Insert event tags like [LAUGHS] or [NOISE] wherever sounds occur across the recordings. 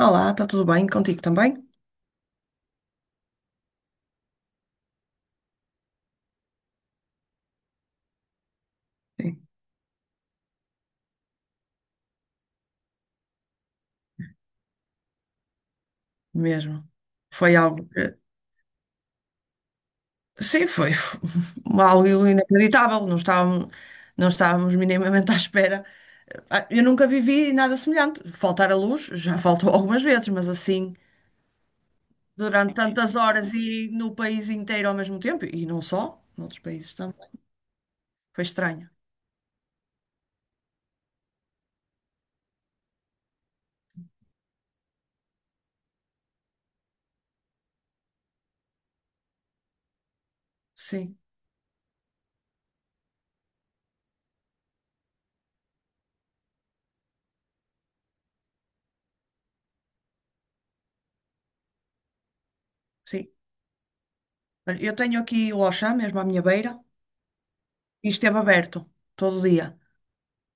Olá, está tudo bem contigo também? Sim, mesmo. Foi algo que... Sim, [LAUGHS] algo inacreditável. Não estávamos minimamente à espera. Eu nunca vivi nada semelhante. Faltar a luz já faltou [LAUGHS] algumas vezes, mas assim, durante tantas horas e no país inteiro ao mesmo tempo, e não só, noutros países também. Foi estranho. Sim, sim. Olha, eu tenho aqui o Auchan mesmo à minha beira e esteve aberto todo dia.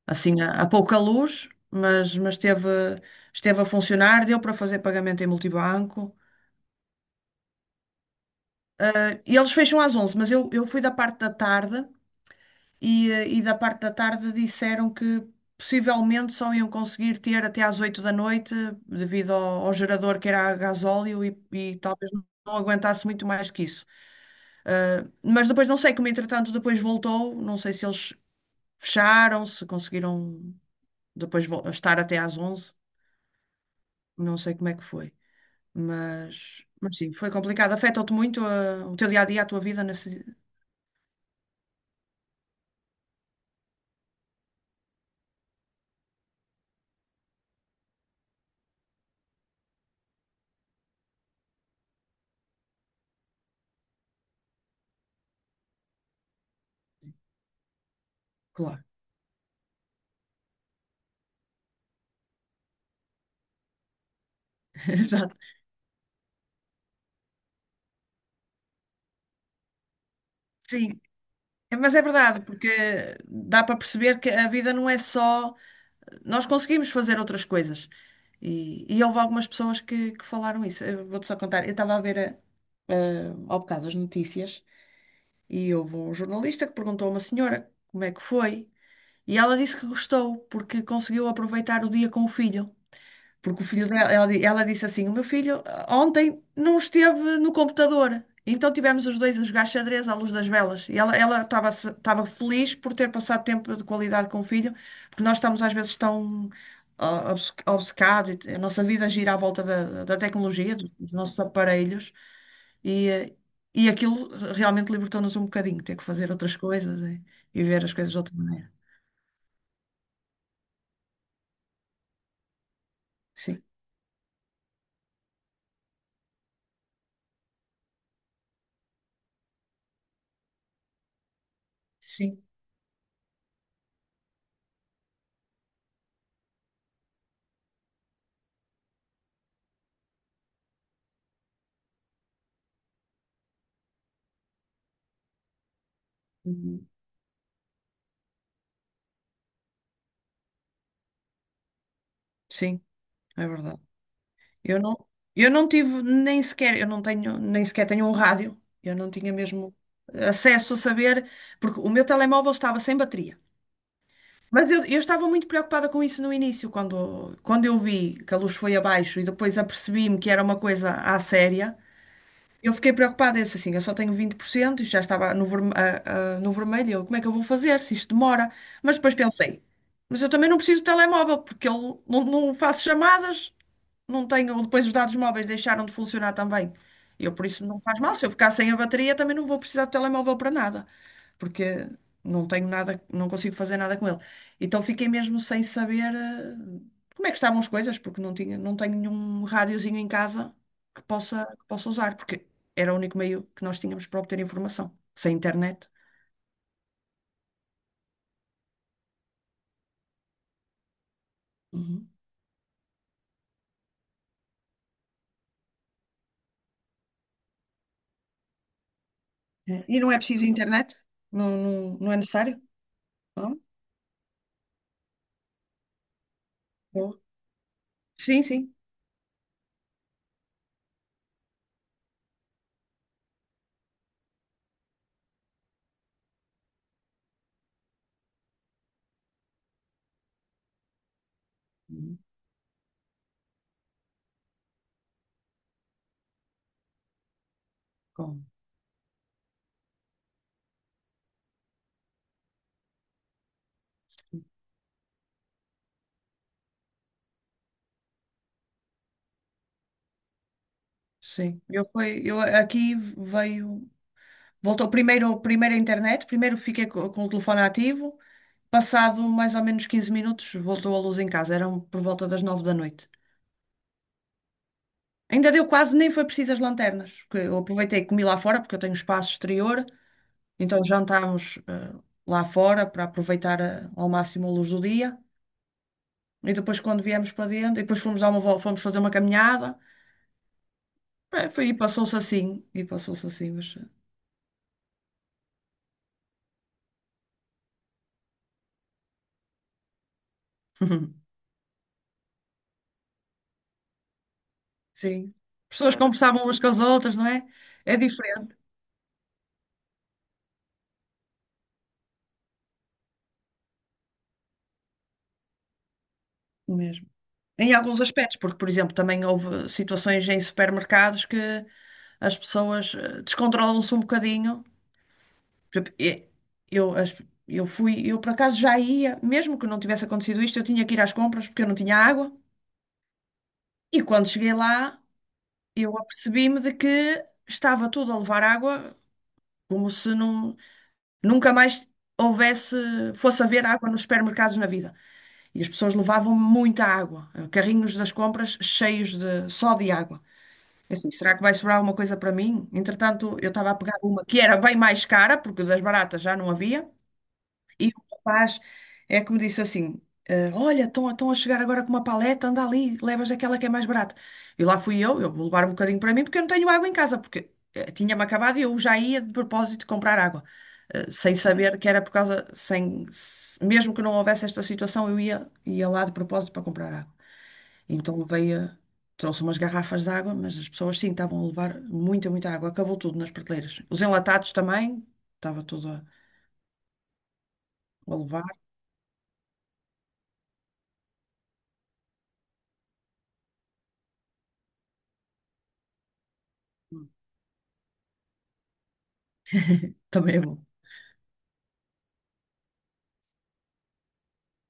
Assim a pouca luz, mas esteve a funcionar, deu para fazer pagamento em multibanco. E eles fecham às 11 mas eu fui da parte da tarde e da parte da tarde disseram que possivelmente só iam conseguir ter até às 8 da noite, devido ao gerador que era a gasóleo e talvez não aguentasse muito mais que isso. Mas depois não sei como entretanto depois voltou, não sei se eles fecharam, se conseguiram depois estar até às 11, não sei como é que foi. Mas sim, foi complicado. Afeta-te muito o teu dia a dia, a tua vida nesse. Claro, [LAUGHS] exato. Sim, mas é verdade, porque dá para perceber que a vida não é só. Nós conseguimos fazer outras coisas. E houve algumas pessoas que falaram isso. Eu vou-te só contar. Eu estava a ver ao bocado as notícias. E houve um jornalista que perguntou a uma senhora como é que foi. E ela disse que gostou, porque conseguiu aproveitar o dia com o filho. Porque o filho dela, ela disse assim: O meu filho, ontem não esteve no computador. Então tivemos os dois a jogar xadrez à luz das velas. E ela estava estava feliz por ter passado tempo de qualidade com o filho, porque nós estamos às vezes tão obcecados, a nossa vida gira à volta da tecnologia, dos nossos aparelhos, e, eh, e aquilo realmente libertou-nos um bocadinho, ter que fazer outras coisas e ver as coisas de outra maneira. Sim, sim. Uhum. Sim, é verdade. Eu não, eu não tive nem sequer, eu não tenho, nem sequer tenho um rádio. Eu não tinha mesmo acesso a saber, porque o meu telemóvel estava sem bateria. Mas eu estava muito preocupada com isso no início, quando eu vi que a luz foi abaixo e depois apercebi-me que era uma coisa à séria. Eu fiquei preocupada, eu disse assim, eu só tenho 20% e já estava no vermelho. Como é que eu vou fazer se isto demora? Mas depois pensei, mas eu também não preciso de telemóvel, porque ele, não faço chamadas, não tenho, depois os dados móveis deixaram de funcionar também. Por isso, não faz mal. Se eu ficar sem a bateria, também não vou precisar do telemóvel para nada, porque não tenho nada, não consigo fazer nada com ele. Então fiquei mesmo sem saber como é que estavam as coisas, porque não tenho nenhum rádiozinho em casa que possa usar, porque era o único meio que nós tínhamos para obter informação, sem internet. Uhum. É. E não é preciso internet? Não, não, não é necessário? Não? Boa. Sim, sim. Uhum. Bom. Sim, eu aqui veio, voltou primeiro a internet, primeiro fiquei com o telefone ativo, passado mais ou menos 15 minutos voltou a luz em casa, eram por volta das 9 da noite. Ainda deu quase, nem foi preciso as lanternas, que eu aproveitei e comi lá fora, porque eu tenho espaço exterior, então jantámos lá fora para aproveitar ao máximo a luz do dia, e depois quando viemos para dentro, e depois fomos dar uma volta, fomos fazer uma caminhada. Foi, e passou-se assim, mas... [LAUGHS] Sim. Pessoas conversavam umas com as outras, não é? É diferente mesmo. Em alguns aspectos, porque, por exemplo, também houve situações em supermercados que as pessoas, descontrolam-se um bocadinho. Por exemplo, e- Eu, as- eu fui, eu por acaso já ia, mesmo que não tivesse acontecido isto, eu tinha que ir às compras porque eu não tinha água. E quando cheguei lá, eu apercebi-me de que estava tudo a levar água, como se nunca mais houvesse, fosse haver água nos supermercados na vida. E as pessoas levavam muita água, carrinhos das compras cheios de só de água. Eu assim, será que vai sobrar alguma coisa para mim? Entretanto, eu estava a pegar uma que era bem mais cara, porque das baratas já não havia, e o rapaz é que me disse assim: Olha, estão a chegar agora com uma paleta, anda ali, levas aquela que é mais barata. E lá fui eu vou levar um bocadinho para mim porque eu não tenho água em casa, porque tinha-me acabado e eu já ia de propósito comprar água, sem saber que era por causa. Sem, se- Mesmo que não houvesse esta situação, eu ia lá de propósito para comprar água. Então, trouxe umas garrafas de água, mas as pessoas sim estavam a levar muita, muita água. Acabou tudo nas prateleiras. Os enlatados também, estava tudo a levar. Também é bom.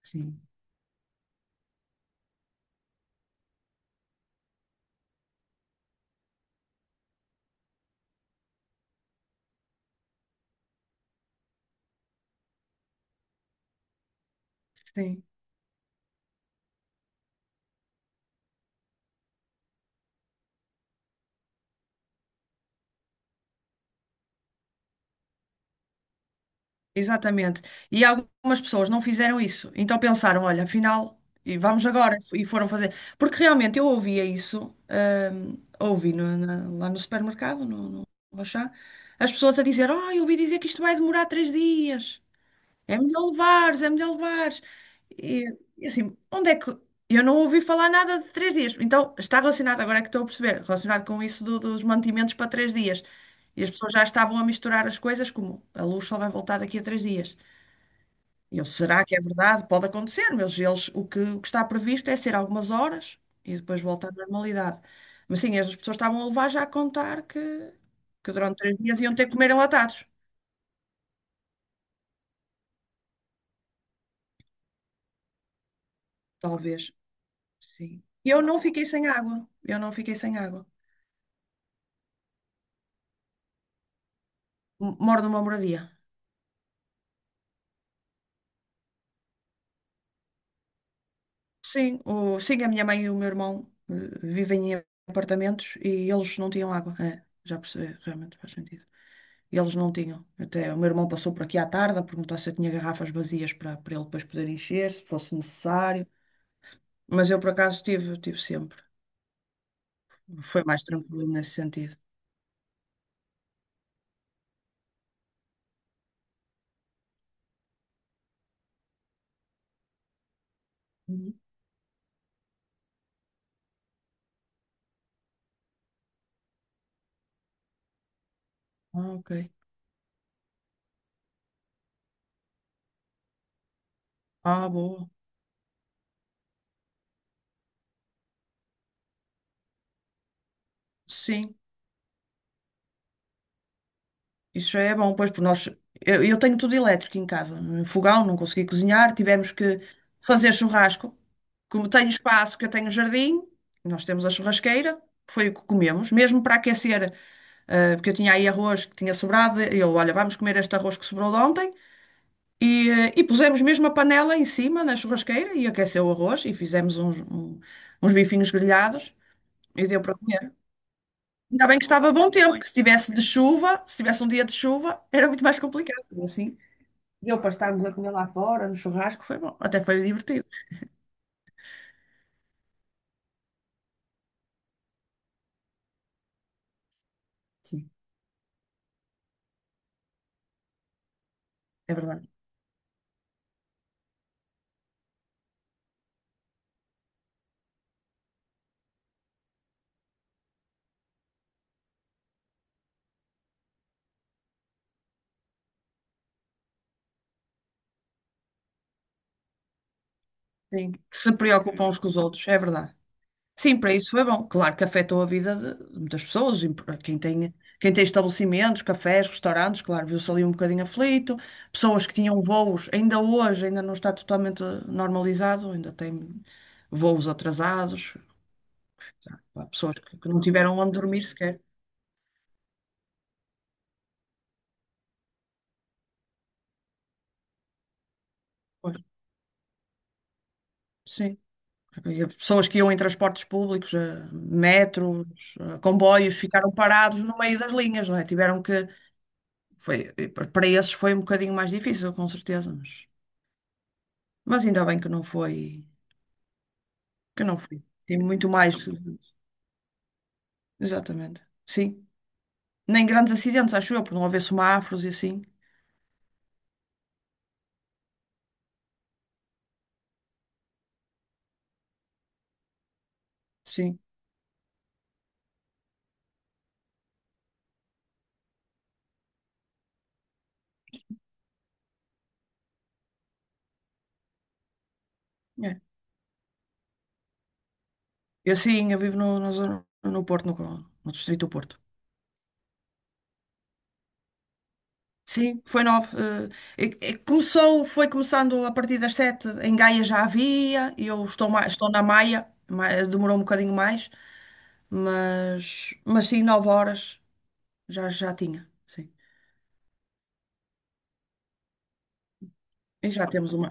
Sim, sim, exatamente. E algumas pessoas não fizeram isso, então pensaram, olha, afinal, e vamos agora, e foram fazer. Porque realmente eu ouvia isso, ouvi lá no supermercado, no Auchan, as pessoas a dizer, eu ouvi dizer que isto vai demorar 3 dias. É melhor levares, é melhor levares. E, e assim, onde é que. Eu não ouvi falar nada de 3 dias. Então, está relacionado, agora é que estou a perceber, relacionado com isso dos mantimentos para 3 dias. E as pessoas já estavam a misturar as coisas, como a luz só vai voltar daqui a 3 dias. E eu, será que é verdade? Pode acontecer, mas eles, o que está previsto é ser algumas horas e depois voltar à normalidade. Mas sim, as pessoas estavam a levar já a contar que durante 3 dias iam ter que comer enlatados. Talvez. Sim. E eu não fiquei sem água. Eu não fiquei sem água. Moro numa moradia. Sim, sim, a minha mãe e o meu irmão eh, vivem em apartamentos e eles não tinham água. É, já percebi, realmente faz sentido. E eles não tinham. Até o meu irmão passou por aqui à tarde a perguntar se eu tinha garrafas vazias para ele depois poder encher, se fosse necessário. Mas eu, por acaso, tive sempre. Foi mais tranquilo nesse sentido. Uhum. Ah, ok. Ah, boa. Sim. Isso já é bom, pois, porque nós. Eu tenho tudo elétrico em casa. Um fogão, não consegui cozinhar, tivemos que fazer churrasco. Como tenho espaço, que eu tenho jardim, nós temos a churrasqueira, foi o que comemos. Mesmo para aquecer, porque eu tinha aí arroz que tinha sobrado, olha, vamos comer este arroz que sobrou de ontem. E pusemos mesmo a panela em cima na churrasqueira e aqueceu o arroz e fizemos uns bifinhos grelhados e deu para comer. Ainda bem que estava bom tempo, que se tivesse de chuva, se tivesse um dia de chuva, era muito mais complicado, assim. E eu para estarmos a comer lá fora, no churrasco, foi bom. Até foi divertido. Sim, é verdade. Sim. Que se preocupam uns com os outros, é verdade. Sim, para isso foi bom. Claro que afetou a vida de muitas pessoas. E... Quem tem, quem tem estabelecimentos, cafés, restaurantes, claro, viu-se ali um bocadinho aflito. Pessoas que tinham voos, ainda hoje, ainda não está totalmente normalizado, ainda tem voos atrasados. Há pessoas que não tiveram onde dormir sequer. Pois, sim. E pessoas que iam em transportes públicos, metros, comboios, ficaram parados no meio das linhas, não é? Tiveram que. Foi, para esses foi um bocadinho mais difícil, com certeza, mas ainda bem que não foi. Que não foi. Tem muito mais. Exatamente. Sim. Nem grandes acidentes, acho eu, por não haver semáforos e assim. Sim. É. Eu sim, eu vivo no Porto, no Distrito do Porto. Sim, foi 9. E começou, foi começando a partir das 7. Em Gaia já havia, e eu estou na Maia, demorou um bocadinho mais, mas sim, 9 horas já tinha. Sim. E já temos uma,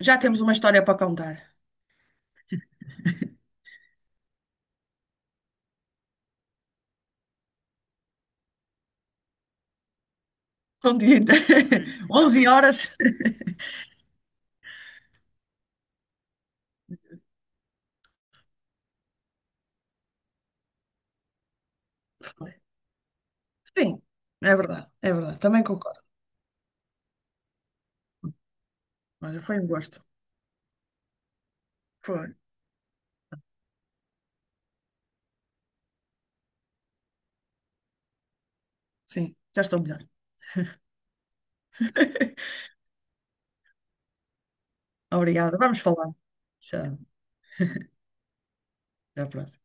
já temos uma história para contar. [LAUGHS] Um dia inteiro. [LAUGHS] 11 horas. Foi. Sim, é verdade, é verdade. Também concordo. Olha, foi um gosto. Foi. Sim, já estou melhor. [LAUGHS] Obrigada. Vamos falar. Já, já pronto.